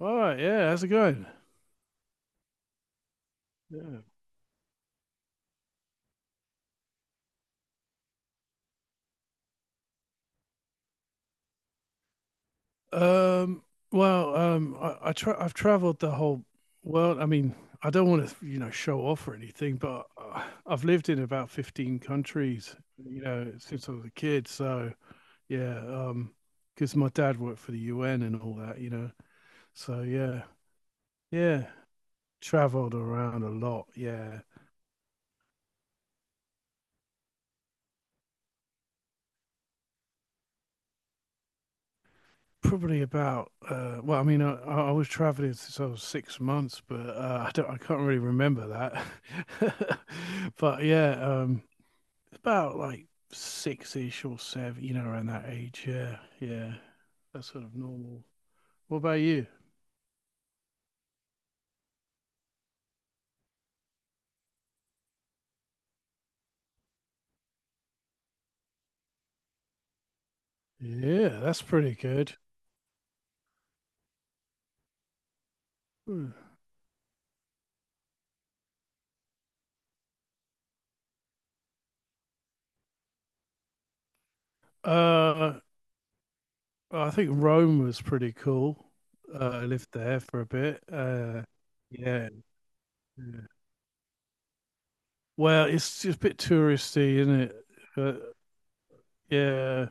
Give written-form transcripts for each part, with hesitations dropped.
All right, yeah, how's it going? Yeah. Um, well, I've traveled the whole world. I mean, I don't want to, you know, show off or anything, but I've lived in about 15 countries, you know, since I was a kid. So, yeah, because my dad worked for the UN and all that, you know. So, yeah, yeah, traveled around a lot. Yeah. Probably about well, I mean, I was traveling since I was 6 months, but I can't really remember that. But yeah, about like six-ish or seven, you know, around that age. Yeah, yeah, that's sort of normal. What about you? Yeah, that's pretty good. Hmm. Uh, I think Rome was pretty cool. I lived there for a bit. Yeah, yeah. Well, it's just a bit touristy, isn't it? But yeah,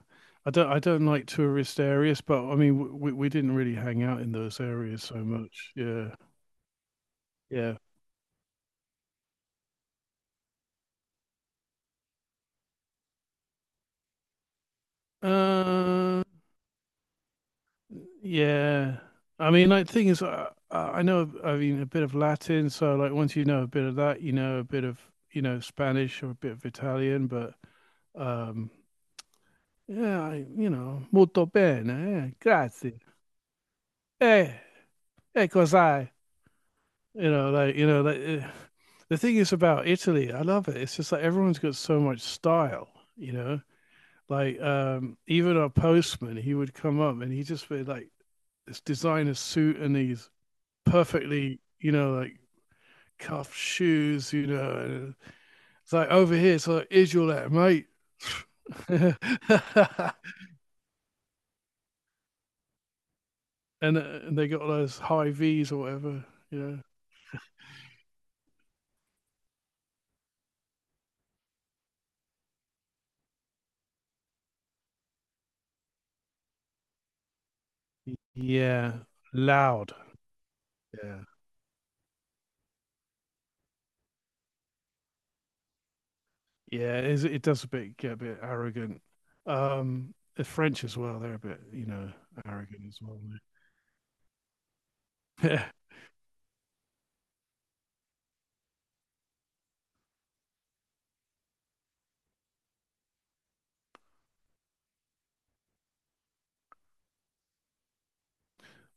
I don't like tourist areas, but I mean we didn't really hang out in those areas so much. Yeah, yeah. Uh, yeah. I mean, like, thing is, I know, I mean, a bit of Latin. So, like, once you know a bit of that, you know a bit of, you know, Spanish or a bit of Italian. But, um, yeah, I, you know, molto bene, eh, grazie. Eh, cos'hai? You know, like the thing is about Italy. I love it. It's just like everyone's got so much style. You know, like even our postman, he would come up and he just would like this designer suit and these perfectly, you know, like cuff shoes. You know, and it's like over here. It's like, is your letter, mate? and, uh, and they got all those high V's or whatever. You know. Yeah, loud. Yeah. Yeah, it is, it does a bit get a bit arrogant. The French as well, they're a bit, you know, arrogant as well, aren't they? Yeah.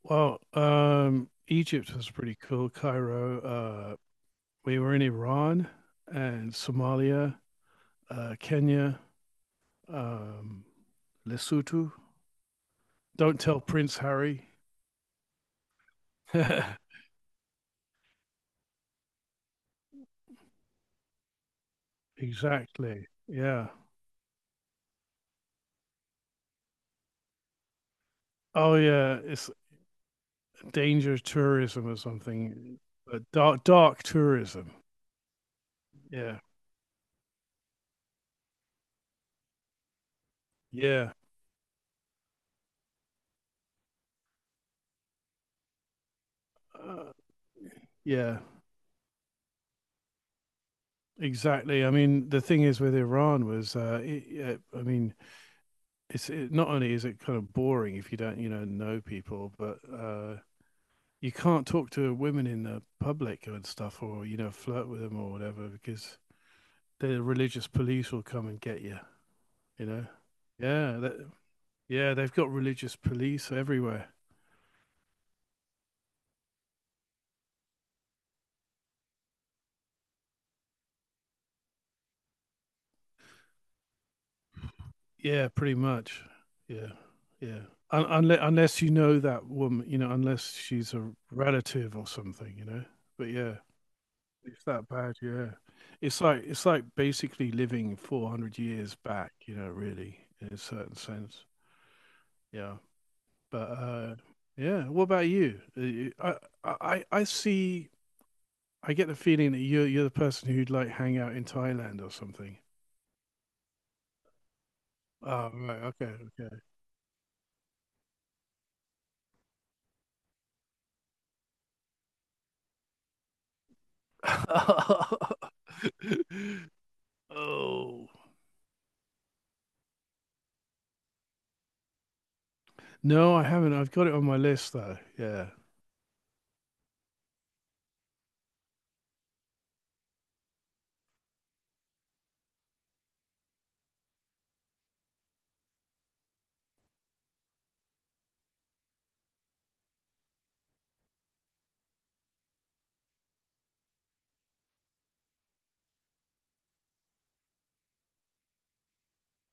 Well, Egypt was pretty cool. Cairo. We were in Iran and Somalia, Kenya, um, Lesotho. Don't tell Prince Harry. Exactly. Yeah. Oh yeah, it's danger tourism or something. Dark dark tourism. Yeah. Yeah. Uh, yeah, exactly. I mean, the thing is with Iran was, I mean, not only is it kind of boring if you don't, you know people, but you can't talk to women in the public and stuff, or you know, flirt with them or whatever, because the religious police will come and get you. You know, yeah, that, yeah, they've got religious police everywhere. Yeah, pretty much. Yeah, yeah. Unless you know that woman, you know, unless she's a relative or something, you know. But yeah, it's that bad. Yeah, it's like basically living 400 years back, you know, really in a certain sense. Yeah, but yeah. What about you? I see. I get the feeling that you're the person who'd like hang out in Thailand or something. Oh, right. Okay. Okay. Oh. No, I haven't. I've got it on my list though. Yeah.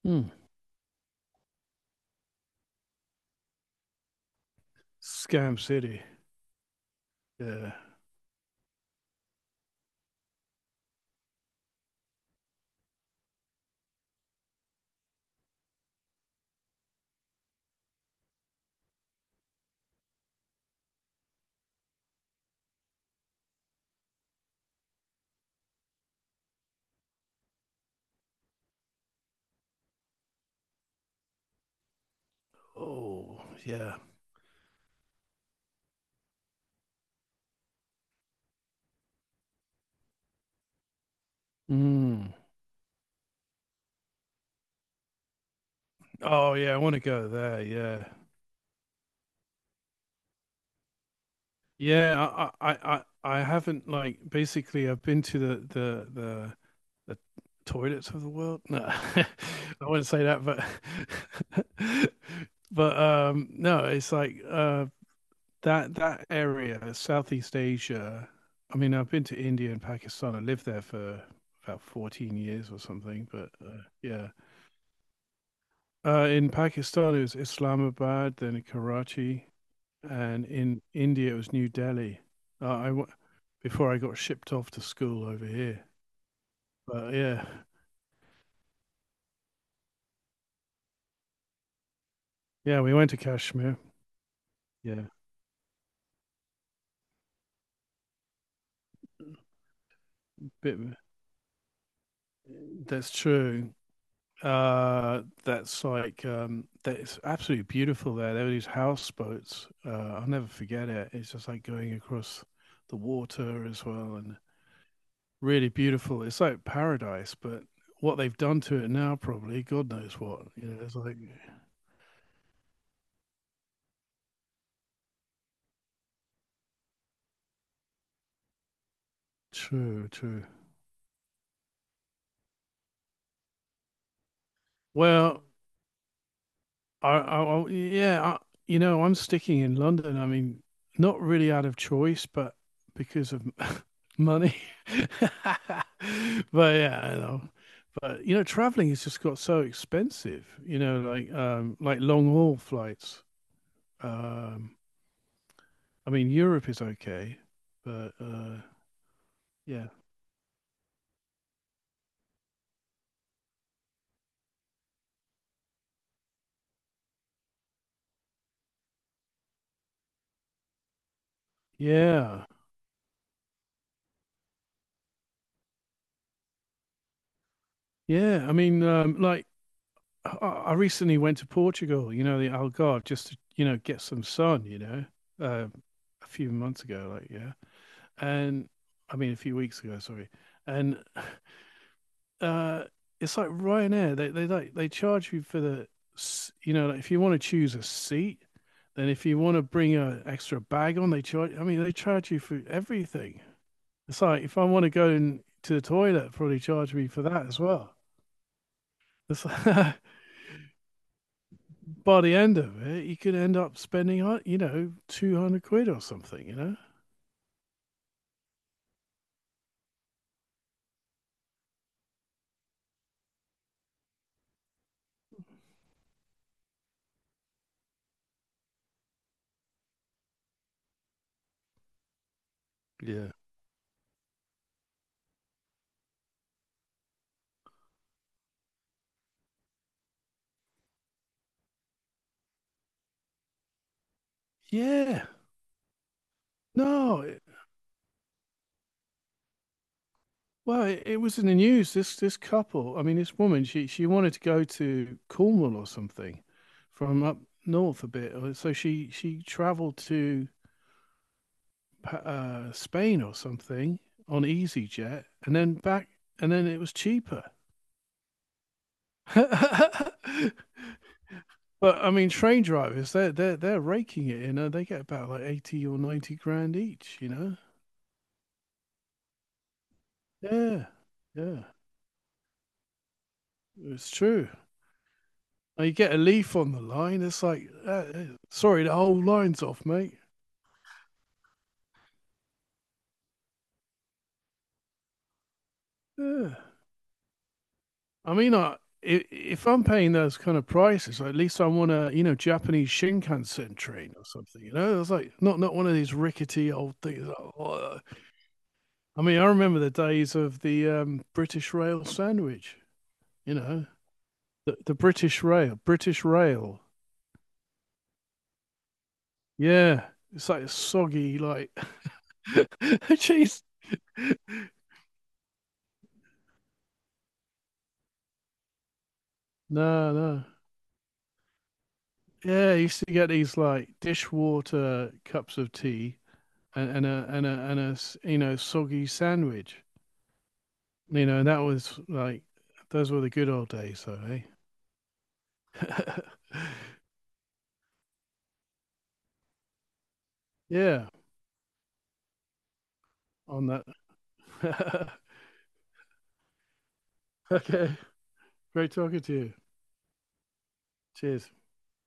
Mm. Scam City. Yeah. Oh, yeah. Mm. Oh yeah, I want to go there. Yeah, yeah. I haven't like basically. I've been to the toilets of the world. No, I wouldn't say that, but but no. It's like that that area, Southeast Asia. I mean, I've been to India and Pakistan. I lived there for about 14 years or something. But yeah, in Pakistan it was Islamabad, then Karachi, and in India it was New Delhi. Uh, I w- Before I got shipped off to school over here. But yeah, yeah, we went to Kashmir. Yeah, bit. That's true. That's absolutely beautiful there. There were these houseboats. I'll never forget it. It's just like going across the water as well, and really beautiful. It's like paradise, but what they've done to it now, probably God knows what. You know, it's like true, true. Well, I yeah, I, you know, I'm sticking in London. I mean, not really out of choice, but because of money. But yeah, I know. But you know, traveling has just got so expensive. You know, like long haul flights. Um, I mean, Europe is okay, but yeah, yeah, yeah. I mean, like I recently went to Portugal, you know, the Algarve, just to, you know, get some sun, you know, uh, a few months ago, like, yeah. And I mean, a few weeks ago, sorry. And uh, it's like Ryanair, they like, they charge you for the, you know, like if you want to choose a seat, then if you want to bring a extra bag on, they charge, I mean, they charge you for everything. It's like, if I want to go in to the toilet, probably charge me for that as well. It's like, by the end of it, you could end up spending, you know, 200 quid or something, you know? Yeah. Yeah. No. It, well, it was in the news. This couple, I mean, this woman, she wanted to go to Cornwall or something from up north a bit. So she traveled to Spain or something on EasyJet and then back, and then it was cheaper. And but I mean, train drivers, they're raking it, you know. They get about like 80 or 90 grand each, you know. Yeah, yeah, it's true. Now you get a leaf on the line, it's like, sorry, the whole line's off, mate. Yeah. I mean, I, if I'm paying those kind of prices, at least I want a, you know, Japanese Shinkansen train or something, you know. It's like not one of these rickety old things. Oh, I mean, I remember the days of the British Rail sandwich, you know. British Rail. Yeah, it's like soggy, like jeez. No, no. Yeah, I used to get these like dishwater cups of tea and, and a you know soggy sandwich. You know, and that was like those were the good old days, though, eh? Yeah, on that. Okay, great talking to you. Cheers.